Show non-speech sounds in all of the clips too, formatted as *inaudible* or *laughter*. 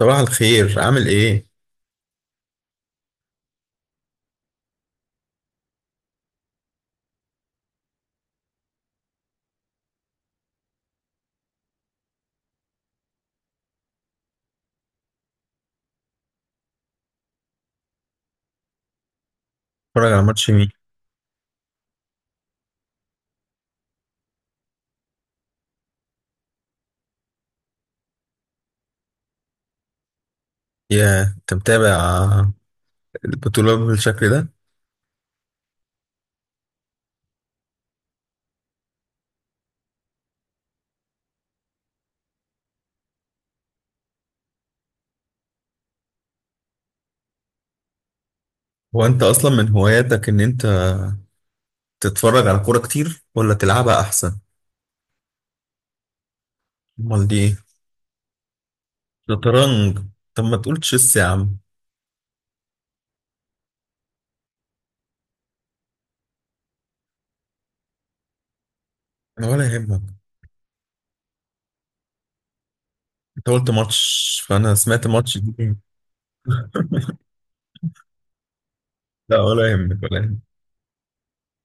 صباح الخير، عامل ايه؟ اتفرج على ماتش مين؟ يا انت متابع البطولة بالشكل ده؟ هو انت اصلا من هواياتك ان انت تتفرج على كورة كتير ولا تلعبها احسن؟ امال دي ايه؟ شطرنج. طب ما تقول تشيس يا عم. انا ولا يهمك. انت قلت ماتش فانا سمعت ماتش دي. لا، ولا يهمك، ولا يهمك.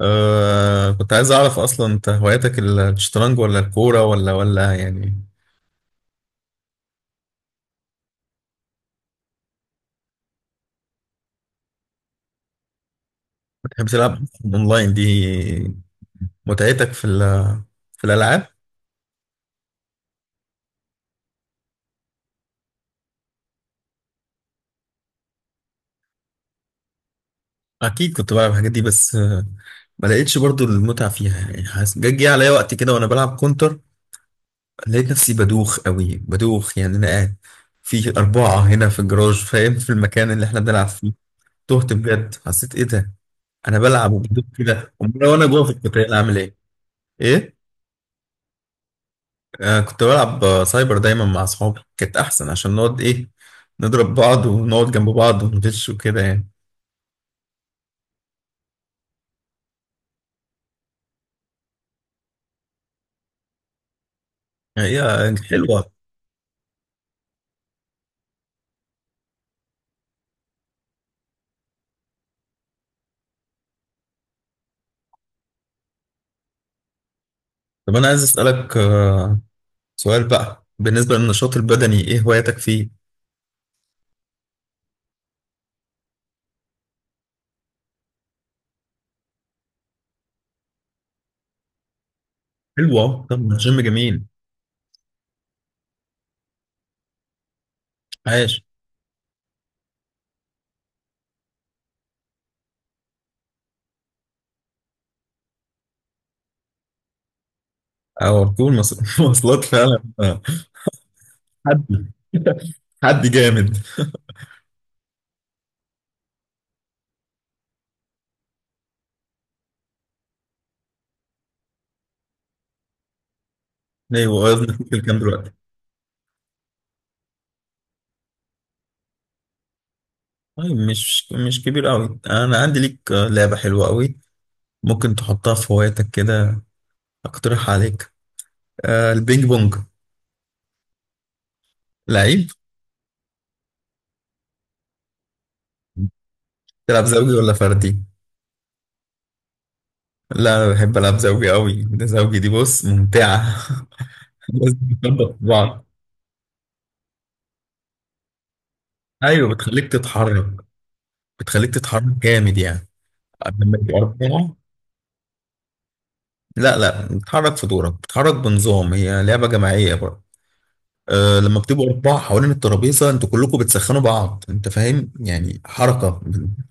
كنت عايز اعرف اصلا انت هواياتك الشطرنج ولا الكورة ولا يعني. بتحب تلعب اونلاين دي متعتك في الالعاب؟ اكيد كنت بلعب الحاجات دي بس، ما لقيتش برضو المتعه فيها. يعني حاسس جه عليا وقت كده وانا بلعب كونتر، لقيت نفسي بدوخ قوي، بدوخ يعني. انا قاعد في اربعه هنا في الجراج، فاهم، في المكان اللي احنا بنلعب فيه. تهت بجد، حسيت ايه ده؟ انا بلعب وبدوخ كده، امال وانا جوه في القتال اعمل ايه؟ ايه؟ كنت بلعب، سايبر دايما مع اصحابي كانت احسن، عشان نقعد ايه، نضرب بعض ونقعد جنب بعض وندش وكده يعني. يعني هي حلوه. طب انا عايز اسالك سؤال بقى، بالنسبة للنشاط البدني، ايه هواياتك فيه؟ حلوة. طب ما الجيم جميل. عاش. او ركوب *laughs* مواصلات فعلا. حد حد جامد. ايوه، وزنك في كام دلوقتي؟ طيب، مش كبير قوي. انا عندي ليك لعبة حلوة قوي، ممكن تحطها في هواياتك كده. اقترح عليك البينج بونج. لعيب. تلعب زوجي ولا فردي؟ لا، انا بحب العب زوجي قوي، ده زوجي دي بص ممتعة. *laughs* بس بتخبط في بعض. ايوه، بتخليك تتحرك. بتخليك تتحرك جامد يعني. لما يبقى أربعة. لا لا، بتتحرك في دورك، بتتحرك بنظام، هي لعبة جماعية برضه. لما بتبقوا أربعة حوالين الترابيزة، أنتوا كلكم بتسخنوا بعض، أنت فاهم، يعني حركة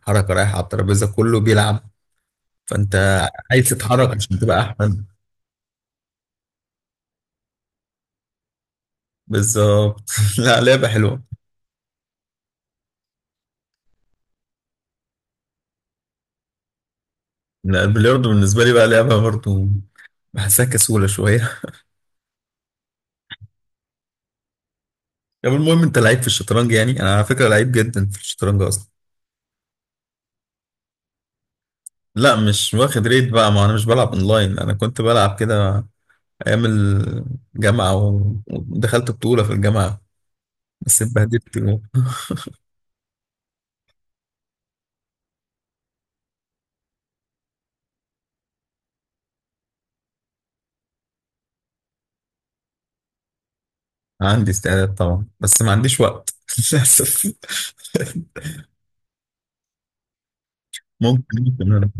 حركة رايحة على الترابيزة، كله بيلعب، فأنت عايز تتحرك عشان تبقى أحسن. بالظبط. *laughs* لا، لعبة حلوة. لا، البلياردو بالنسبة لي بقى لعبة برضه، بحسها كسولة شوية. طب المهم، أنت لعيب في الشطرنج يعني؟ أنا على فكرة لعيب جدا في الشطرنج أصلا. لا، مش واخد ريت بقى، ما انا مش بلعب اونلاين. انا كنت بلعب كده ايام الجامعه ودخلت بطوله في الجامعه، بس اتبهدلت جوه. *laughs* عندي استعداد طبعا، بس ما عنديش وقت، *laughs* للاسف. ممكن أنا.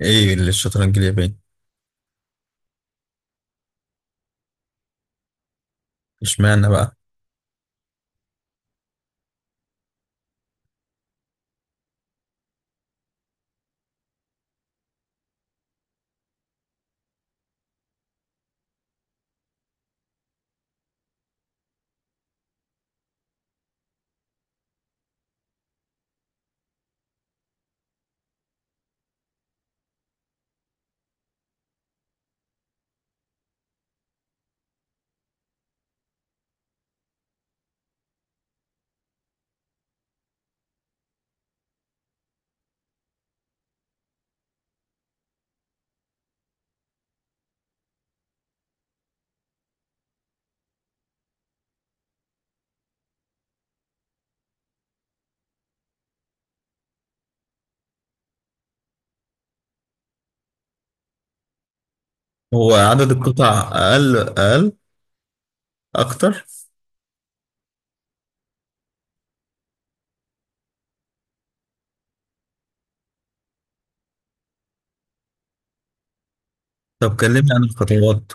ايه اللي الشطرنج الياباني؟ اشمعنى بقى؟ هو عدد القطع اقل اكتر. طب كلمني عن الخطوات.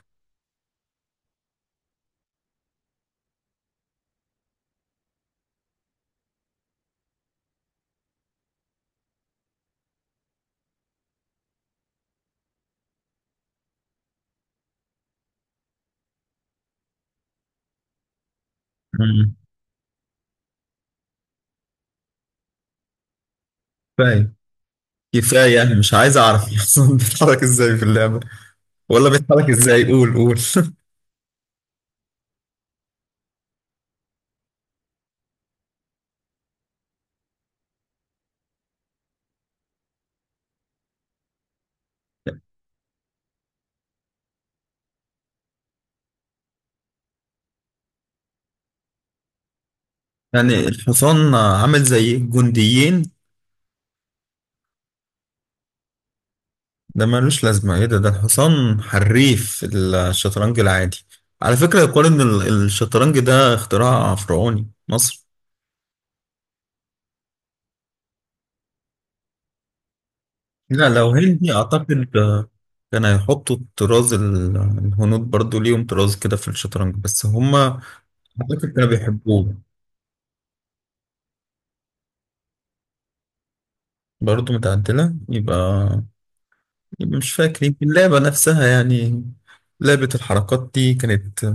مم. كفايه كفايه يعني، مش عايز اعرف *laughs* اصلا بيتحرك ازاي في اللعبه. ولا بيتحرك ازاي؟ قول قول. *laughs* يعني الحصان عامل زي الجنديين؟ ده ملوش لازمة، ايه ده الحصان حريف في الشطرنج العادي. على فكرة، يقال ان الشطرنج ده اختراع فرعوني مصر. لا، لو هندي اعتقد، كان هيحطوا الطراز، الهنود برضو ليهم طراز كده في الشطرنج بس هما. اعتقد كانوا بيحبوه. برضو متعدلة، يبقى مش فاكر يمكن اللعبة نفسها يعني. لعبة الحركات دي كانت.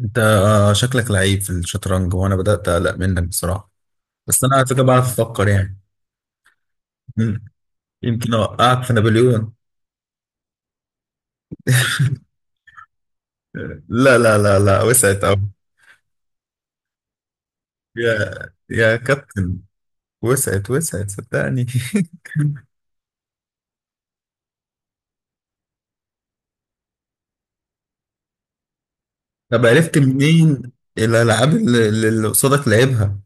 انت شكلك لعيب في الشطرنج، وانا بدأت اقلق منك بصراحة. بس انا على فكرة بعرف افكر يعني. مم. يمكن اوقعك في نابليون. لا لا لا لا، وسعت اوي. يا كابتن، وسعت وسعت صدقني. *laughs* طب عرفت منين الالعاب اللي قصادك لعبها؟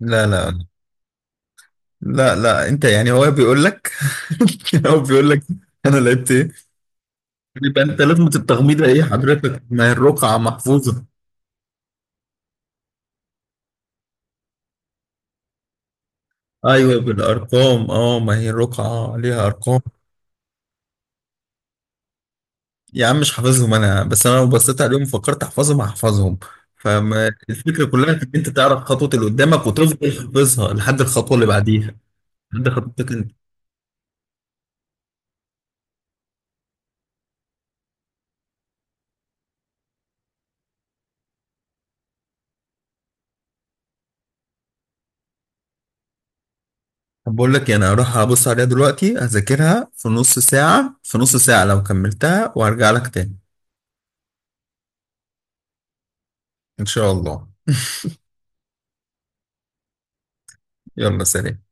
لا لا لا لا، انت يعني هو بيقول لك؟ *laughs* هو بيقول لك انا لعبت ايه؟ يبقى انت لازمة التغميضة ايه حضرتك، ما هي الرقعة محفوظة. ايوه، بالارقام. اه، ما هي الرقعه ليها ارقام. يا عم، مش حافظهم انا، بس انا لو بصيت عليهم فكرت احفظهم، هحفظهم. فما الفكره كلها انك انت تعرف خطوه اللي قدامك، وتفضل حافظها لحد الخطوه اللي بعديها. لحد خطوتك انت. طب بقول لك إيه، انا هروح ابص عليها دلوقتي هذاكرها في نص ساعه لو كملتها، وهرجع لك تاني. ان شاء الله. يلا سلام.